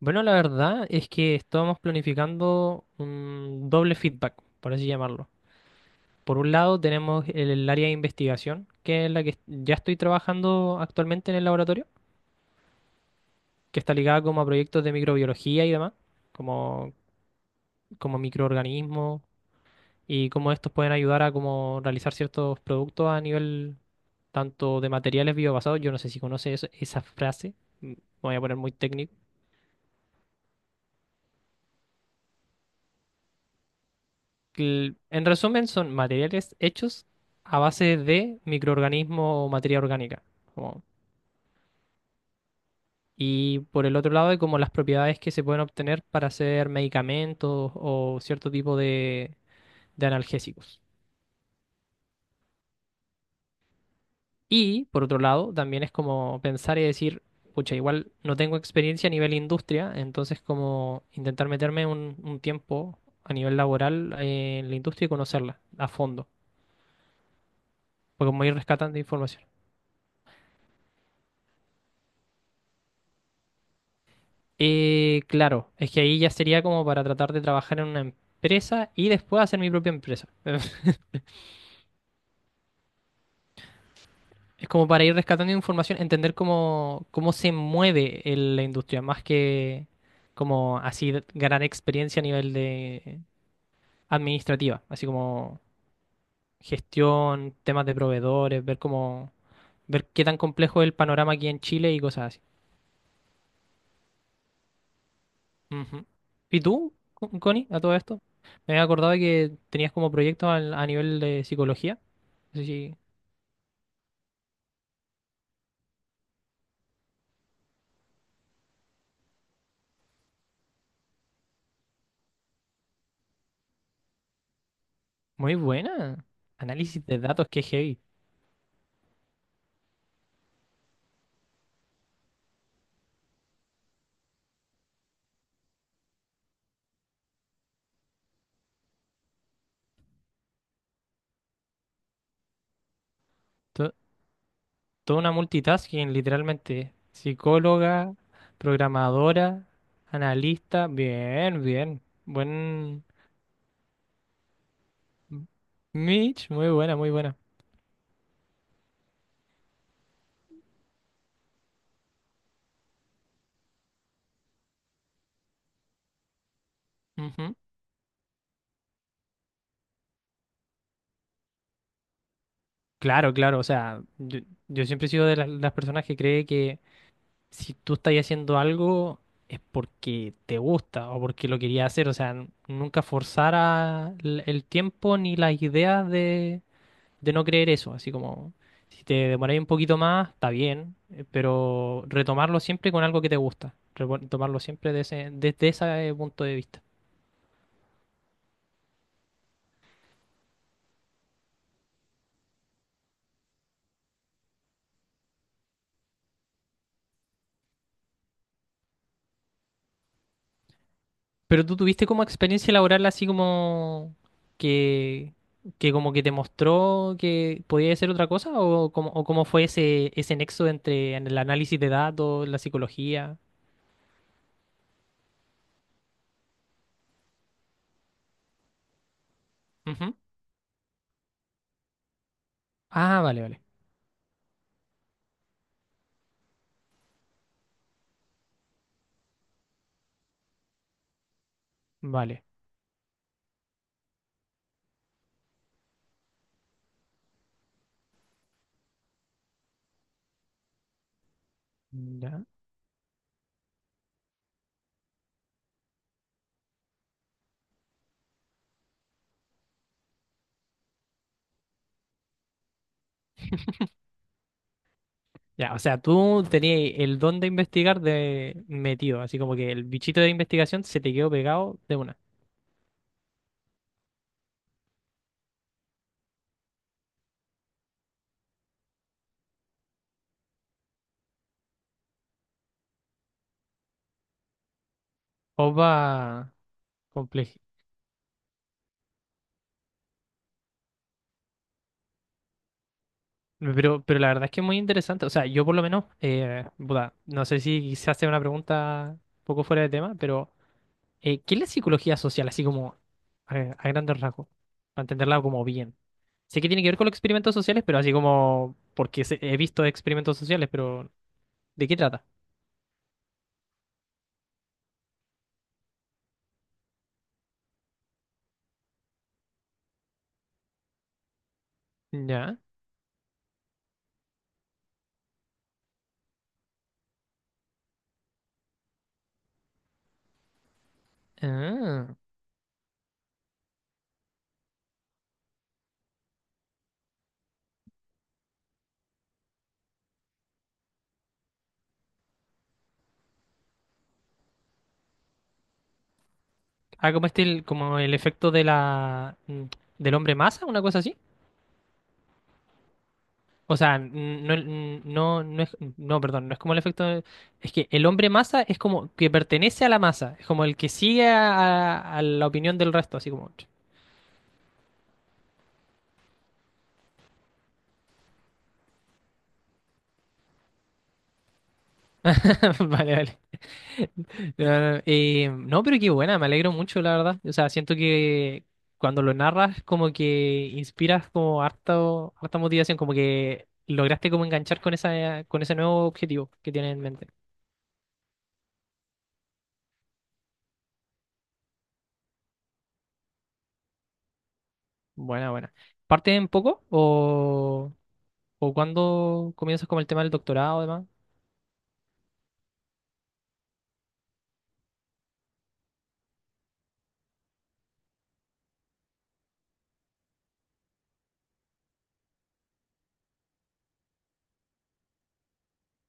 Bueno, la verdad es que estábamos planificando un doble feedback, por así llamarlo. Por un lado tenemos el área de investigación, que es la que ya estoy trabajando actualmente en el laboratorio, que está ligada como a proyectos de microbiología y demás, como, como microorganismos y cómo estos pueden ayudar a como realizar ciertos productos a nivel tanto de materiales biobasados. Yo no sé si conoces esa frase, me voy a poner muy técnico. En resumen, son materiales hechos a base de microorganismo o materia orgánica. como- y por el otro lado, hay como las propiedades que se pueden obtener para hacer medicamentos o cierto tipo de analgésicos. Y por otro lado, también es como pensar y decir, pucha, igual no tengo experiencia a nivel industria, entonces como intentar meterme un tiempo a nivel laboral en la industria y conocerla a fondo, pues como ir rescatando información. Claro, es que ahí ya sería como para tratar de trabajar en una empresa y después hacer mi propia empresa. Es como para ir rescatando información, entender cómo se mueve la industria, más que como ganar experiencia a nivel de administrativa, así como gestión, temas de proveedores, ver qué tan complejo es el panorama aquí en Chile y cosas así. Ujú. ¿Y tú, Connie, a todo esto? Me había acordado de que tenías como proyectos a nivel de psicología. Sí, muy buena. Análisis de datos, qué heavy. To- Toda una multitasking, literalmente. Psicóloga, programadora, analista. Bien, bien. Buen. Mitch, muy buena, muy buena. Ujú. Claro, claro. O sea, yo siempre he sido de las personas que cree que si tú estás haciendo algo es porque te gusta o porque lo querías hacer. O sea, nunca forzar a el tiempo ni las ideas de no creer eso, así como si te demoráis un poquito más, está bien, pero retomarlo siempre con algo que te gusta, retomarlo siempre de desde ese punto de vista. Pero tú tuviste como experiencia laboral así como que, que como que te mostró que podía ser otra cosa o cómo fue ese nexo entre el análisis de datos, la psicología. Ujú. Ah, vale, vale. Ya, o sea, tú tenías el don de investigar de metido, así como que el bichito de investigación se te quedó pegado de una. Opa, complejo. Pero la verdad es que es muy interesante. O sea, yo por lo menos, puta, no sé si quizás sea una pregunta un poco fuera de tema, pero ¿qué es la psicología social? Así como a grandes rasgos, para entenderla como bien. Sé que tiene que ver con los experimentos sociales, pero así como porque he visto experimentos sociales, pero ¿de qué trata? Ya. Ah. Ah, como este, como el efecto de la del hombre masa, una cosa así. O sea, no, perdón, no es como el efecto. Es que el hombre masa es como que pertenece a la masa, es como el que sigue a la opinión del resto, así como. Vale, vale. No, no, no, no, pero qué buena, me alegro mucho, la verdad. O sea, siento que cuando lo narras, como que inspiras como harto, harta motivación, como que lograste como enganchar con esa, con ese nuevo objetivo que tienes en mente. Buena, buena. ¿Parte en poco? O cuándo comienzas con el tema del doctorado, además?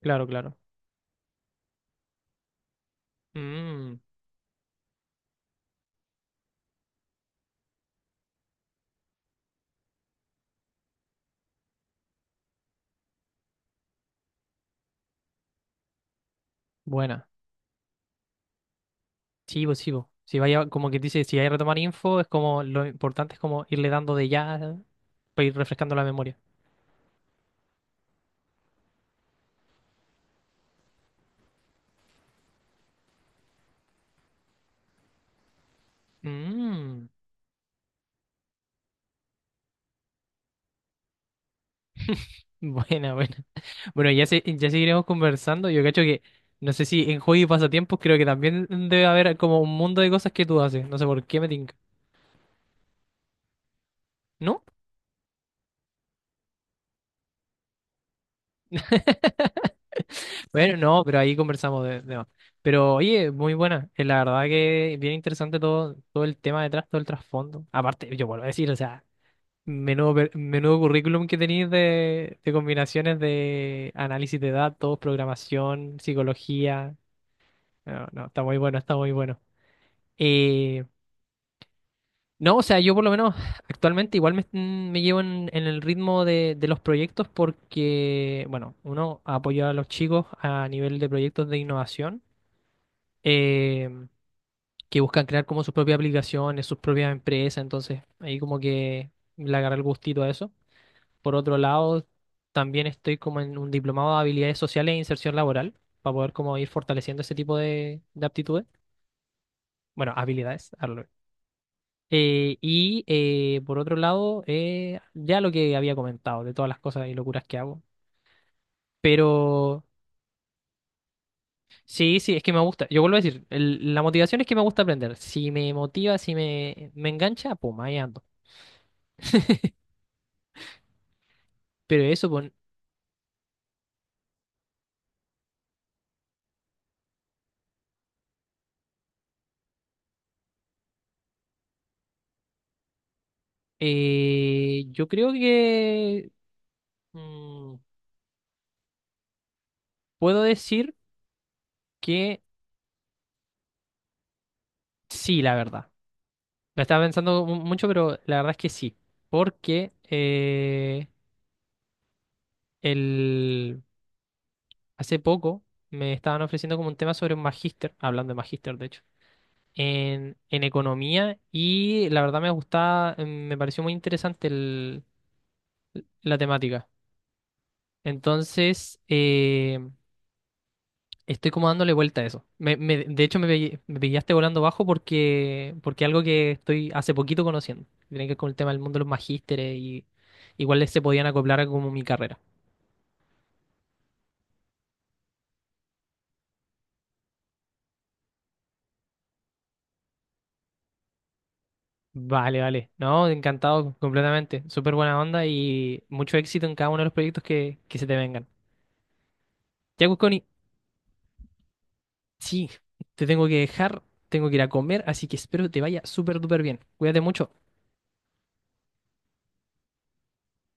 Claro, claro. Mm, buena. Sí, pues sí, pues. Si vaya, como que dice, si hay que retomar info, es como lo importante es como irle dando de ya para ir refrescando la memoria. Mm, buena, buena. Bueno, ya seguiremos conversando. Yo cacho que, no sé si en hobby y pasatiempos, creo que también debe haber como un mundo de cosas que tú haces. No sé por qué me tinca. ¿No? Bueno, no, pero ahí conversamos de más. Pero oye, muy buena. La verdad que bien interesante todo, todo el tema detrás, todo el trasfondo. Aparte, yo vuelvo a decir, o sea, menudo currículum que tenéis de combinaciones de análisis de datos, programación, psicología. No, no, está muy bueno, está muy bueno. Eh, no, o sea, yo por lo menos actualmente igual me llevo en el ritmo de los proyectos porque, bueno, uno apoya a los chicos a nivel de proyectos de innovación. eh, que buscan crear como sus propias aplicaciones, sus propias empresas, entonces ahí como que le agarré el gustito a eso. Por otro lado, también estoy como en un diplomado de habilidades sociales e inserción laboral, para poder como ir fortaleciendo ese tipo de aptitudes, bueno, habilidades, hazlo. Por otro lado, ya lo que había comentado, de todas las cosas y locuras que hago. Pero sí, sí, es que me gusta. Yo vuelvo a decir, la motivación es que me gusta aprender. Si me motiva, si me, me engancha, pum, ahí ando. Pero eso, yo creo que mm, puedo decir que sí, la verdad. La estaba pensando mucho, pero la verdad es que sí. Porque el, hace poco me estaban ofreciendo como un tema sobre un magíster, hablando de magíster, de hecho, en economía y la verdad me gustaba, me pareció muy interesante la temática. Entonces, estoy como dándole vuelta a eso. De hecho, me pillaste volando bajo porque, porque algo que estoy hace poquito conociendo que tiene que ver con el tema del mundo de los magísteres y igual se podían acoplar a como mi carrera. Vale, vale. No, encantado completamente. Súper buena onda y mucho éxito en cada uno de los proyectos que se te vengan. Ya, Cusconi, sí, te tengo que dejar, tengo que ir a comer, así que espero te vaya súper duper bien. Cuídate mucho.